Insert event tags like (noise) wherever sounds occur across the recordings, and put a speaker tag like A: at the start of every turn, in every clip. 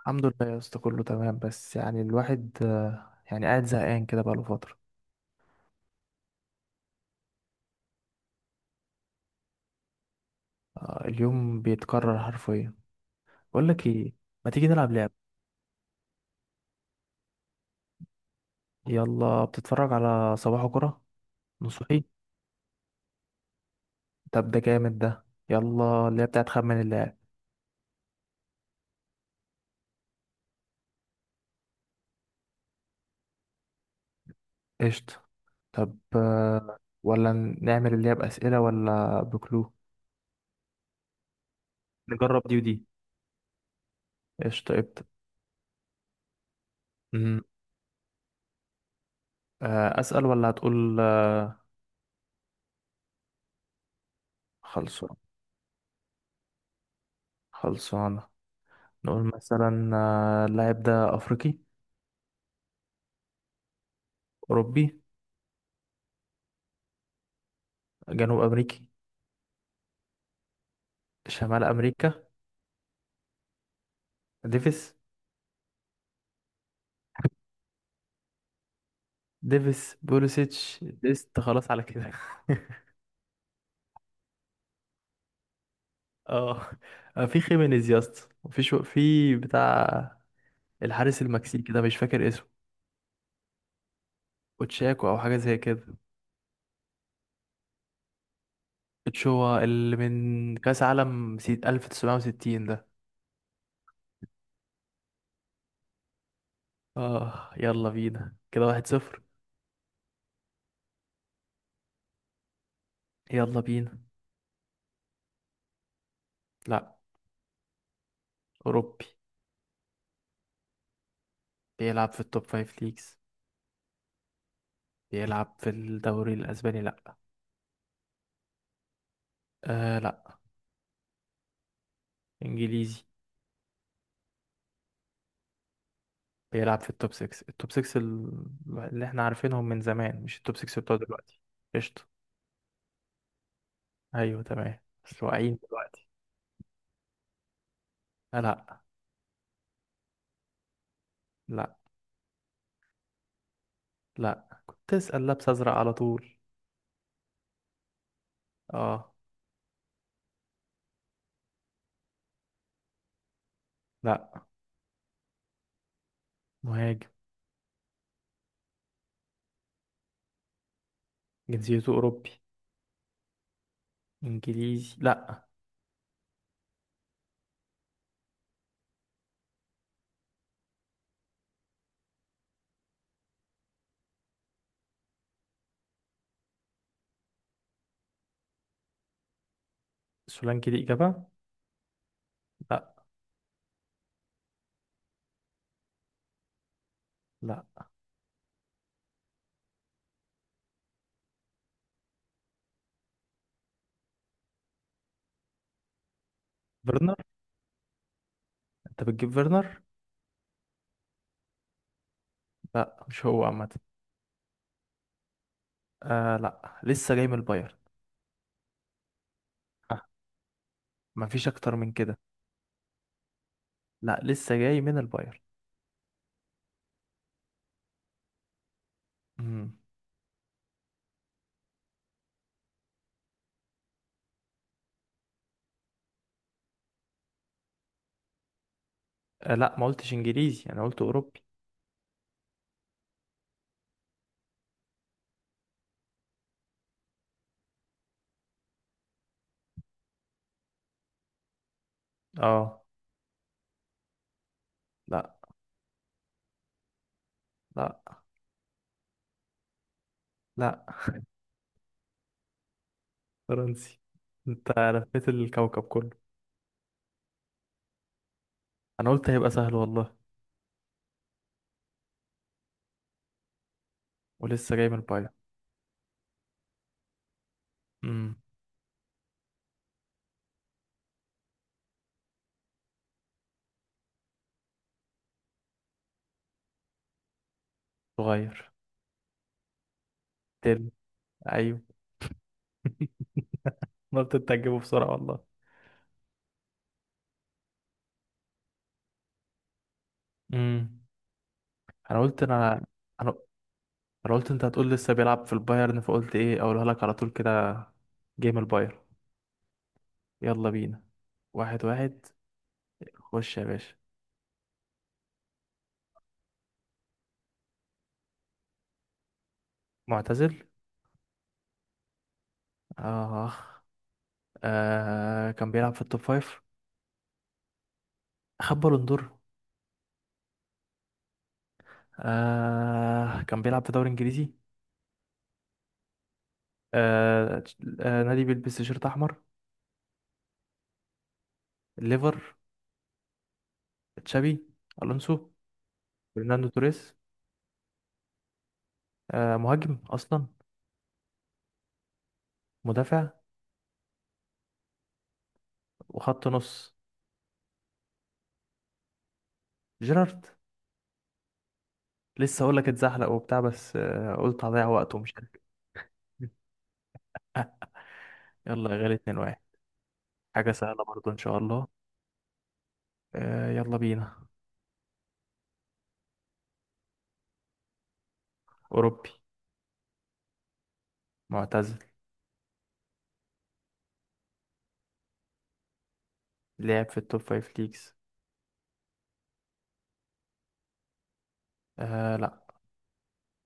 A: الحمد لله يا اسطى، كله تمام، بس يعني الواحد يعني قاعد زهقان كده بقاله فترة. اليوم بيتكرر حرفيا. بقول لك ايه؟ ما تيجي نلعب لعبة؟ يلا، بتتفرج على صباح كرة؟ نصوحي. طب ده جامد ده. يلا، اللي هي بتاعت خمن اللاعب. قشطة. طب ولا نعمل اللي هي بأسئلة ولا بكلو؟ نجرب دي ودي. قشطة، ابدأ. أمم، أسأل ولا هتقول؟ خلصان. خلصانة. نقول مثلا اللاعب ده أفريقي؟ أوروبي؟ جنوب امريكي؟ شمال امريكا؟ ديفيس؟ ديفيس بوليسيتش ديست، خلاص على كده. (laughs) اه. في خيمينيز يا اسطى، وفي شو، في بتاع الحارس المكسيكي ده، مش فاكر اسمه. اوتشاكو او حاجه زي كده. اتشوا اللي من كاس عالم 1960 ده. اه، يلا بينا، كده 1-0. يلا بينا. لا. اوروبي. بيلعب في التوب فايف ليجز. بيلعب في الدوري الاسباني. لا. لا. انجليزي. بيلعب في التوب 6. التوب 6 اللي احنا عارفينهم من زمان، مش التوب 6 بتوع دلوقتي. قشطة. ايوه تمام، بس واقعين دلوقتي. لا، لا، لا، لا، كنت تسأل لابس ازرق على طول. اه. لا. مهاجم. جنسيته اوروبي. انجليزي، لا. سولانكي دي اجابة؟ لا. لا. فيرنر. انت بتجيب فيرنر؟ لا، مش هو عامة. لا، لسه جاي من البايرن. آه. مفيش اكتر من كده. لا، لسه جاي من البايرن. مم. لا، ما قلتش انجليزي، انا قلت اوروبي. اه. لا. لا. لا. فرنسي. انت لفيت الكوكب كله. انا قلت هيبقى سهل والله. ولسه جاي من البايو. امم صغير. تل. ايوه. أنا قلت انت هتجيبه بسرعه والله. امم انا قلت انا انا انا قلت انت هتقول لسه بيلعب في البايرن، فقلت ايه اقولها لك على طول كده. جيم البايرن. يلا بينا. 1-1. خش يا باشا. معتزل. آه. كان بيلعب في التوب فايف. خد بالون دور. كان بيلعب في دوري انجليزي. نادي بيلبس تيشيرت احمر. ليفر. تشابي. الونسو. فرناندو توريس. مهاجم اصلا. مدافع. وخط نص. جيرارد. لسه اقول لك اتزحلق وبتاع، بس قلت هضيع وقت ومش عارف إيه. (laughs) يلا يا غالي، 2-1. حاجه سهله برضو ان شاء الله. يلا بينا. اوروبي. معتزل. لعب في التوب 5 ليجز. لا.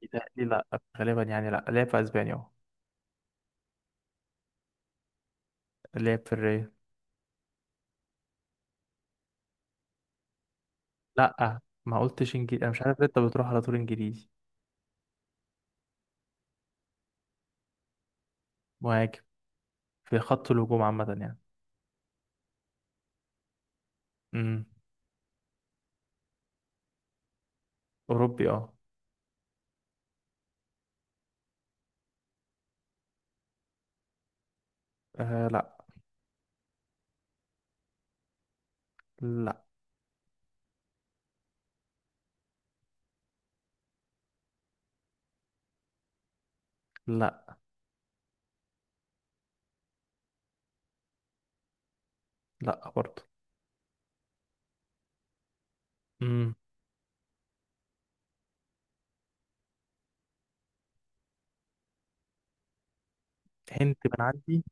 A: إيطالي، لا. غالبا يعني، لا، لعب في اسبانيا اهو. لعب في الريال. لا. ما قلتش انجليزي، انا مش عارف ليه انت بتروح على طول انجليزي. مهاجم. في خط الهجوم عامة يعني. امم أوروبي، اه. لا. لا. لا. لا برضه. امم هنت من عندي.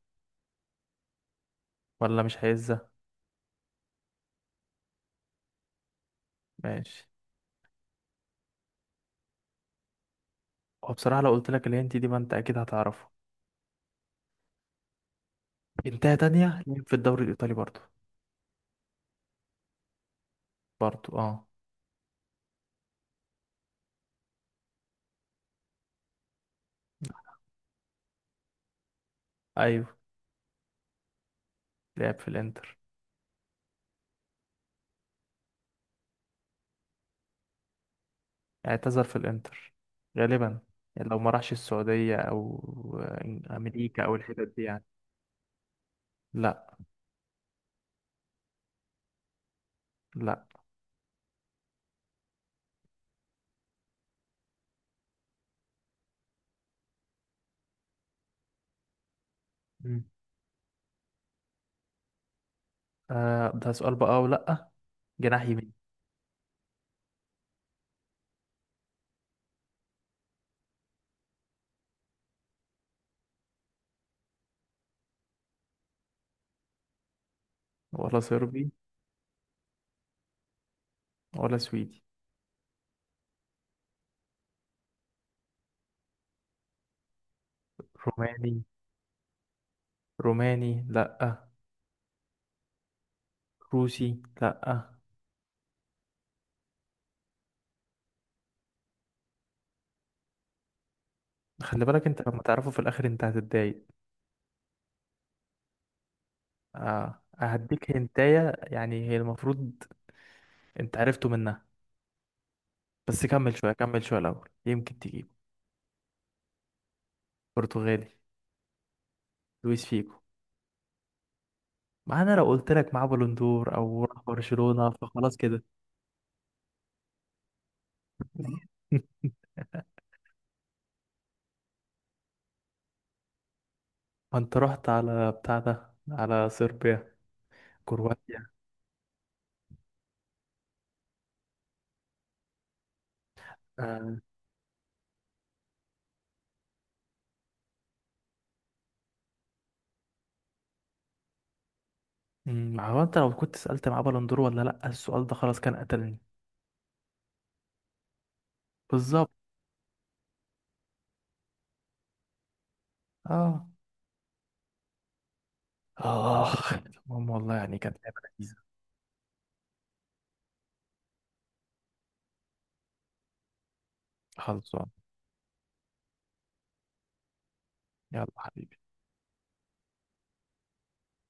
A: ولا مش هيزة. ماشي. هو بصراحة لو قلت لك الهنت دي، ما انت أكيد هتعرفه. انتهى تانية، لعب في الدوري الإيطالي برضه. برضه، اه. أيوه. لعب في الإنتر. اعتزل في الإنتر غالبا، يعني لو ما راحش السعودية أو أمريكا أو الحتت دي يعني. لا. لا. مم. ده سؤال بقى ولا لأ؟ جناح يمين. ولا صربي. ولا سويدي. روماني. روماني، لأ. روسي، لأ. خلي بالك انت لما تعرفه في الاخر انت هتتضايق. آه. هديك هنتاية، يعني هي المفروض انت عرفته منها، بس كمل شوية كمل شوية الأول يمكن تجيبه. برتغالي. لويس فيجو. ما انا لو قلت لك معاه بالون دور او راح برشلونة فخلاص كده. (laughs) ما انت رحت على بتاع ده، على صربيا، كرواتيا. آه. ما هو انت لو كنت سألت معاه بالون دور ولا لأ، السؤال ده خلاص كان قتلني. بالظبط. اه، آخ، المهم والله يعني كانت لعبة لذيذة. خلصان. يلا حبيبي.